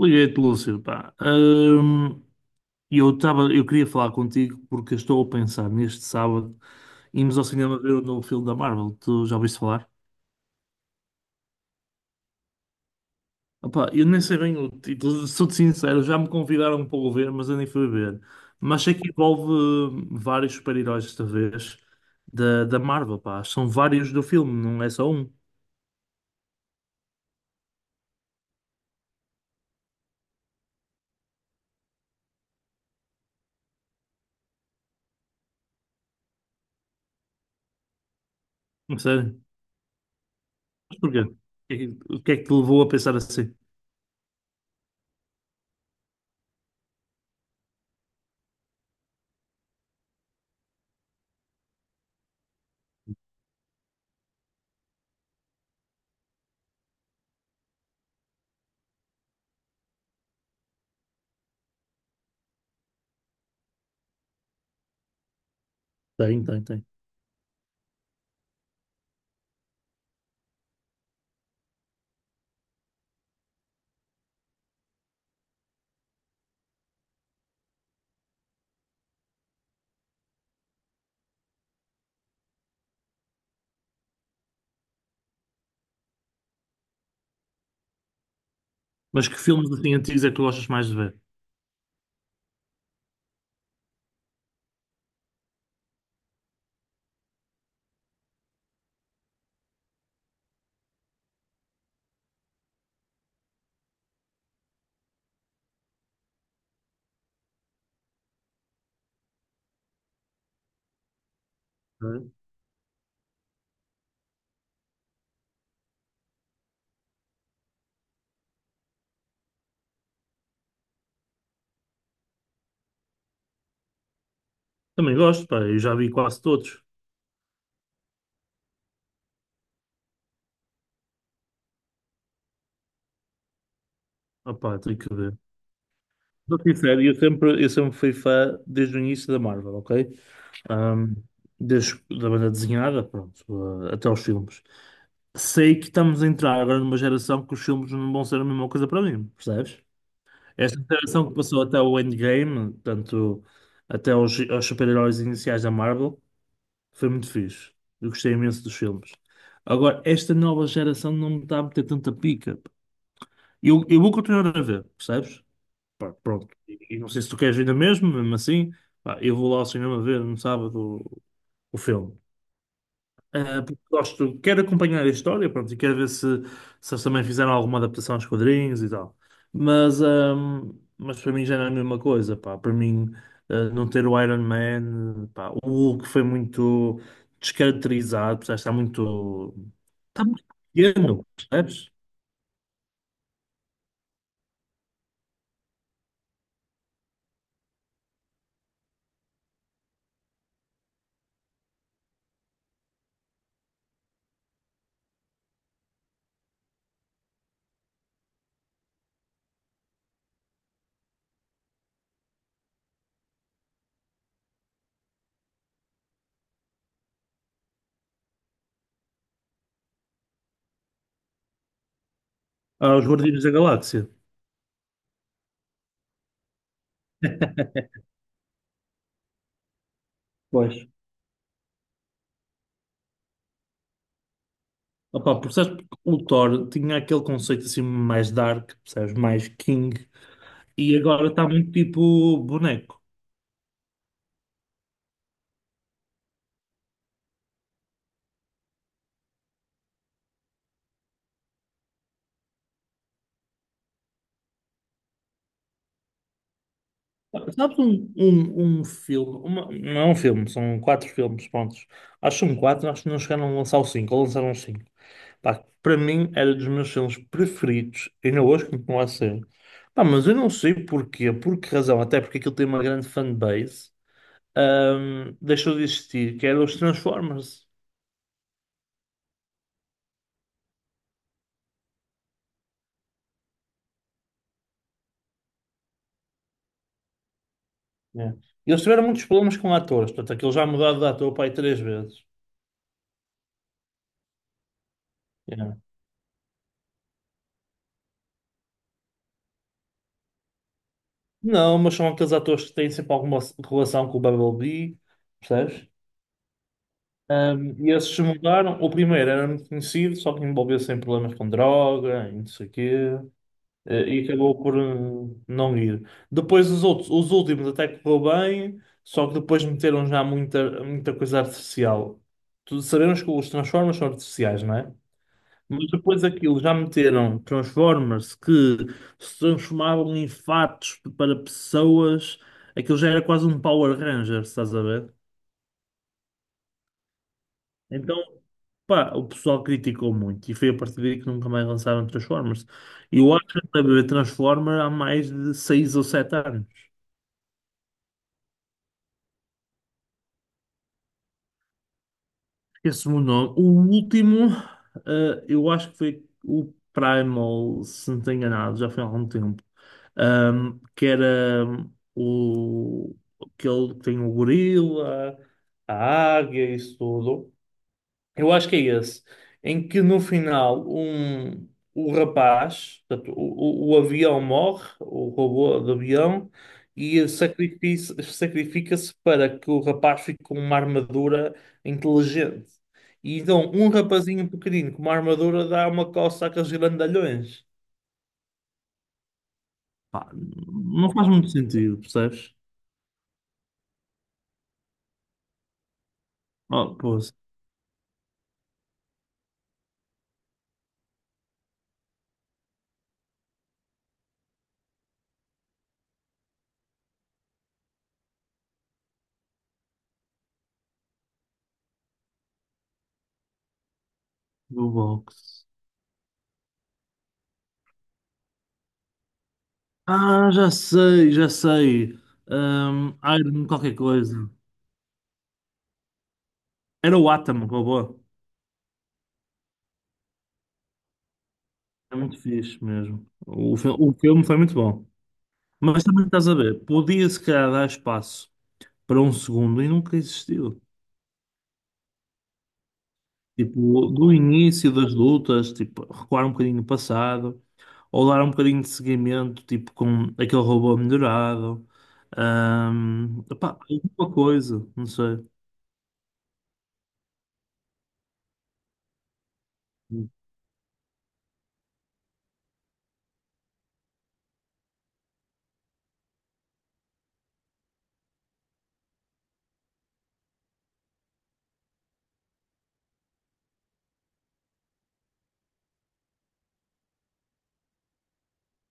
Liguei-te, Lúcio, pá. Eu queria falar contigo porque estou a pensar neste sábado irmos ao cinema ver o novo filme da Marvel. Tu já ouviste falar? Opá, eu nem sei bem o título, sou-te sincero, já me convidaram para o ver, mas eu nem fui ver. Mas sei que envolve vários super-heróis desta vez da Marvel, pá. São vários do filme, não é só um. Não sei. Mas porquê? O que é que te levou a pensar assim? Tem, tem, tem. Mas que filmes assim antigos é que tu gostas mais de ver? Também gosto, pá, eu já vi quase todos. Ah, pá, tenho que ver. Sou sincero, eu sempre fui fã desde o início da Marvel, ok? Ahm, desde da banda desenhada, pronto, até aos filmes. Sei que estamos a entrar agora numa geração que os filmes não vão ser a mesma coisa para mim, percebes? Esta geração que passou até o Endgame, portanto, até aos super-heróis iniciais da Marvel, foi muito fixe. Eu gostei imenso dos filmes. Agora, esta nova geração não me está a meter tanta pica. Eu vou continuar a ver, percebes? Pá, pronto. E não sei se tu queres ver ainda mesmo, mesmo assim, pá, eu vou lá ao cinema ver no sábado o, o filme. Ah, porque gosto, quero acompanhar a história, pronto, e quero ver se, se eles também fizeram alguma adaptação aos quadrinhos e tal. Mas para mim já não é a mesma coisa, pá. Para mim, não ter o Iron Man, pá, o Hulk foi muito descaracterizado, percebes? Está muito pequeno, percebes? Aos Guardiões da Galáxia. Pois. Opa, porque sabes, porque o Thor tinha aquele conceito assim mais dark, percebes? Mais king. E agora está muito tipo boneco. Sabes um filme, não é um filme, são quatro filmes, prontos. Acho que são quatro, acho que não chegaram a lançar o cinco, ou lançaram os cinco. Pá, para mim era dos meus filmes preferidos, ainda hoje continua a ser. Pá, mas eu não sei porquê, por que razão, até porque aquilo tem uma grande fanbase, deixou de existir, que era os Transformers. Yeah. Eles tiveram muitos problemas com atores, portanto, aquilo já mudaram de ator para aí três vezes. Yeah. Não, mas são aqueles atores que têm sempre alguma relação com o Bumblebee, percebes? E esses se mudaram. O primeiro era muito conhecido, só que envolveu-se em problemas com droga e não sei o quê, e acabou por não ir. Depois os outros, os últimos até que correu bem, só que depois meteram já muita coisa artificial. Tu sabemos que os Transformers são artificiais, não é? Mas depois aquilo já meteram Transformers que se transformavam em fatos para pessoas, aquilo já era quase um Power Ranger, estás a ver? Então, pá, o pessoal criticou muito e foi a partir daí que nunca mais lançaram Transformers. E eu acho que a ver Transformers há mais de 6 ou 7 anos. Esse me o nome. O último, eu acho que foi o Primal, se não estou enganado, já foi há algum tempo. Que era o aquele que tem o gorila, a águia, isso tudo. Eu acho que é esse, em que no final o rapaz, portanto, o avião morre, o robô do avião, e sacrifica-se para que o rapaz fique com uma armadura inteligente. E então, um rapazinho pequenino com uma armadura dá uma coça àqueles grandalhões. Pá, não faz muito sentido, percebes? Oh, pô, do box. Ah, já sei, já sei. Iron qualquer coisa. Era o Atom, robô. É muito fixe mesmo. O filme foi muito bom. Mas também estás a ver, podia se calhar dar espaço para um segundo e nunca existiu. Tipo, do início das lutas, tipo, recuar um bocadinho no passado, ou dar um bocadinho de seguimento, tipo, com aquele robô melhorado. Epá, alguma coisa, não sei.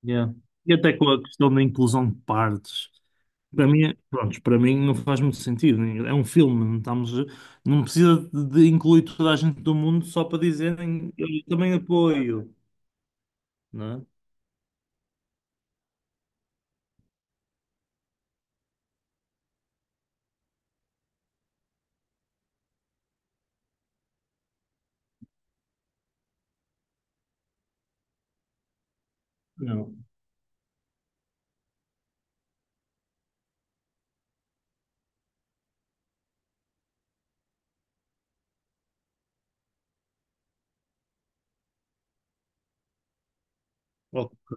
Yeah. E até com a questão da inclusão de partes. Para mim, pronto, para mim não faz muito sentido. É um filme, não estamos, não precisa de incluir toda a gente do mundo só para dizerem eu também apoio, não é? Não. Ok.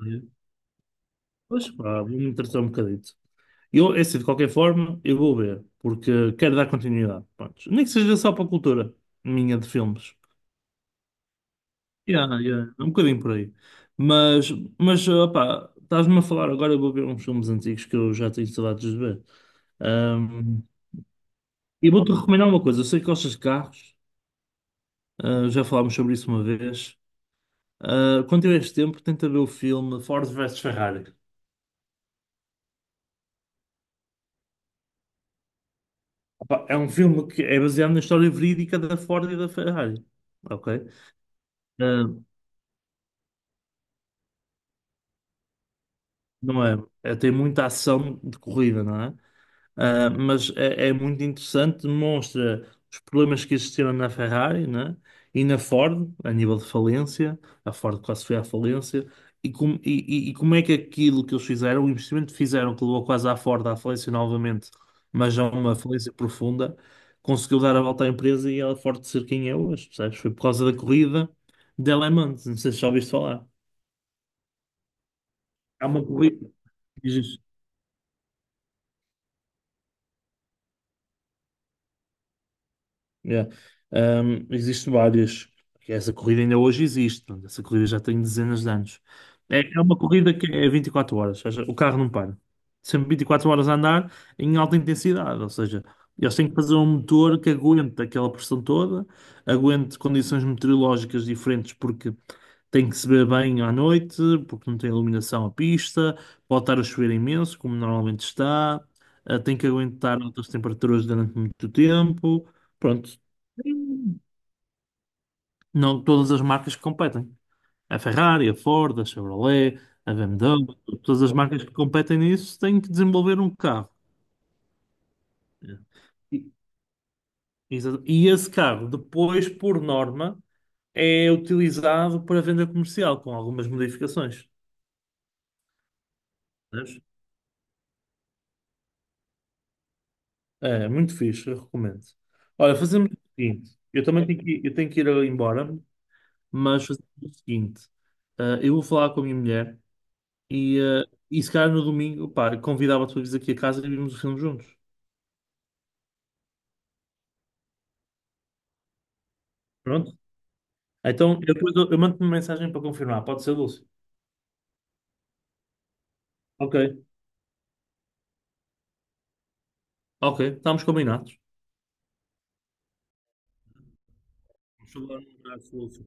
Pois pá, vou me interessar um bocadito. Eu, é assim, de qualquer forma, eu vou ver, porque quero dar continuidade. Pronto. Nem que seja só para a cultura minha de filmes. Yeah, yeah, é um bocadinho por aí. Mas, mas opá, estás-me a falar agora, eu vou ver uns filmes antigos que eu já tenho saudades de ver. Ahm, e vou-te recomendar uma coisa, eu sei que gostas de carros, já falámos sobre isso uma vez. Ah, quando tiveres tempo, tenta ver o filme Ford versus Ferrari. Opá, é um filme que é baseado na história verídica da Ford e da Ferrari. Ok? Ah, não é, tem muita ação de corrida, não é? Ah, mas é, é muito interessante, demonstra os problemas que existiram na Ferrari, né? E na Ford, a nível de falência, a Ford quase foi à falência, e, e como é que aquilo que eles fizeram, o investimento que fizeram, que levou quase à Ford à falência novamente, mas já uma falência profunda, conseguiu dar a volta à empresa e a Ford ser quem é hoje, percebes? Foi por causa da corrida de Le Mans, não sei se já ouviste falar. Há uma corrida. Yeah. Existem várias. Essa corrida ainda hoje existe. Portanto, essa corrida já tem dezenas de anos. É, é uma corrida que é 24 horas, ou seja, o carro não para. Sempre 24 horas a andar em alta intensidade, ou seja, eles têm que fazer um motor que aguente aquela pressão toda, aguente condições meteorológicas diferentes, porque tem que se ver bem à noite, porque não tem iluminação à pista, pode estar a chover imenso, como normalmente está, tem que aguentar altas temperaturas durante muito tempo. Pronto, não todas as marcas que competem. A Ferrari, a Ford, a Chevrolet, a BMW, todas as marcas que competem nisso têm que desenvolver um carro. E e esse carro, depois, por norma, é utilizado para venda comercial, com algumas modificações. É, muito fixe, eu recomendo. Olha, fazemos o seguinte: eu tenho que ir embora, mas fazemos o seguinte: eu vou falar com a minha mulher e, e se calhar no domingo, pá, convidava-te para vires aqui a casa e vimos o filme juntos. Pronto? Então, eu mando-te uma mensagem para confirmar, pode ser, Lúcio? Ok, ok, estamos combinados. Vamos falar um abraço, Lúcio.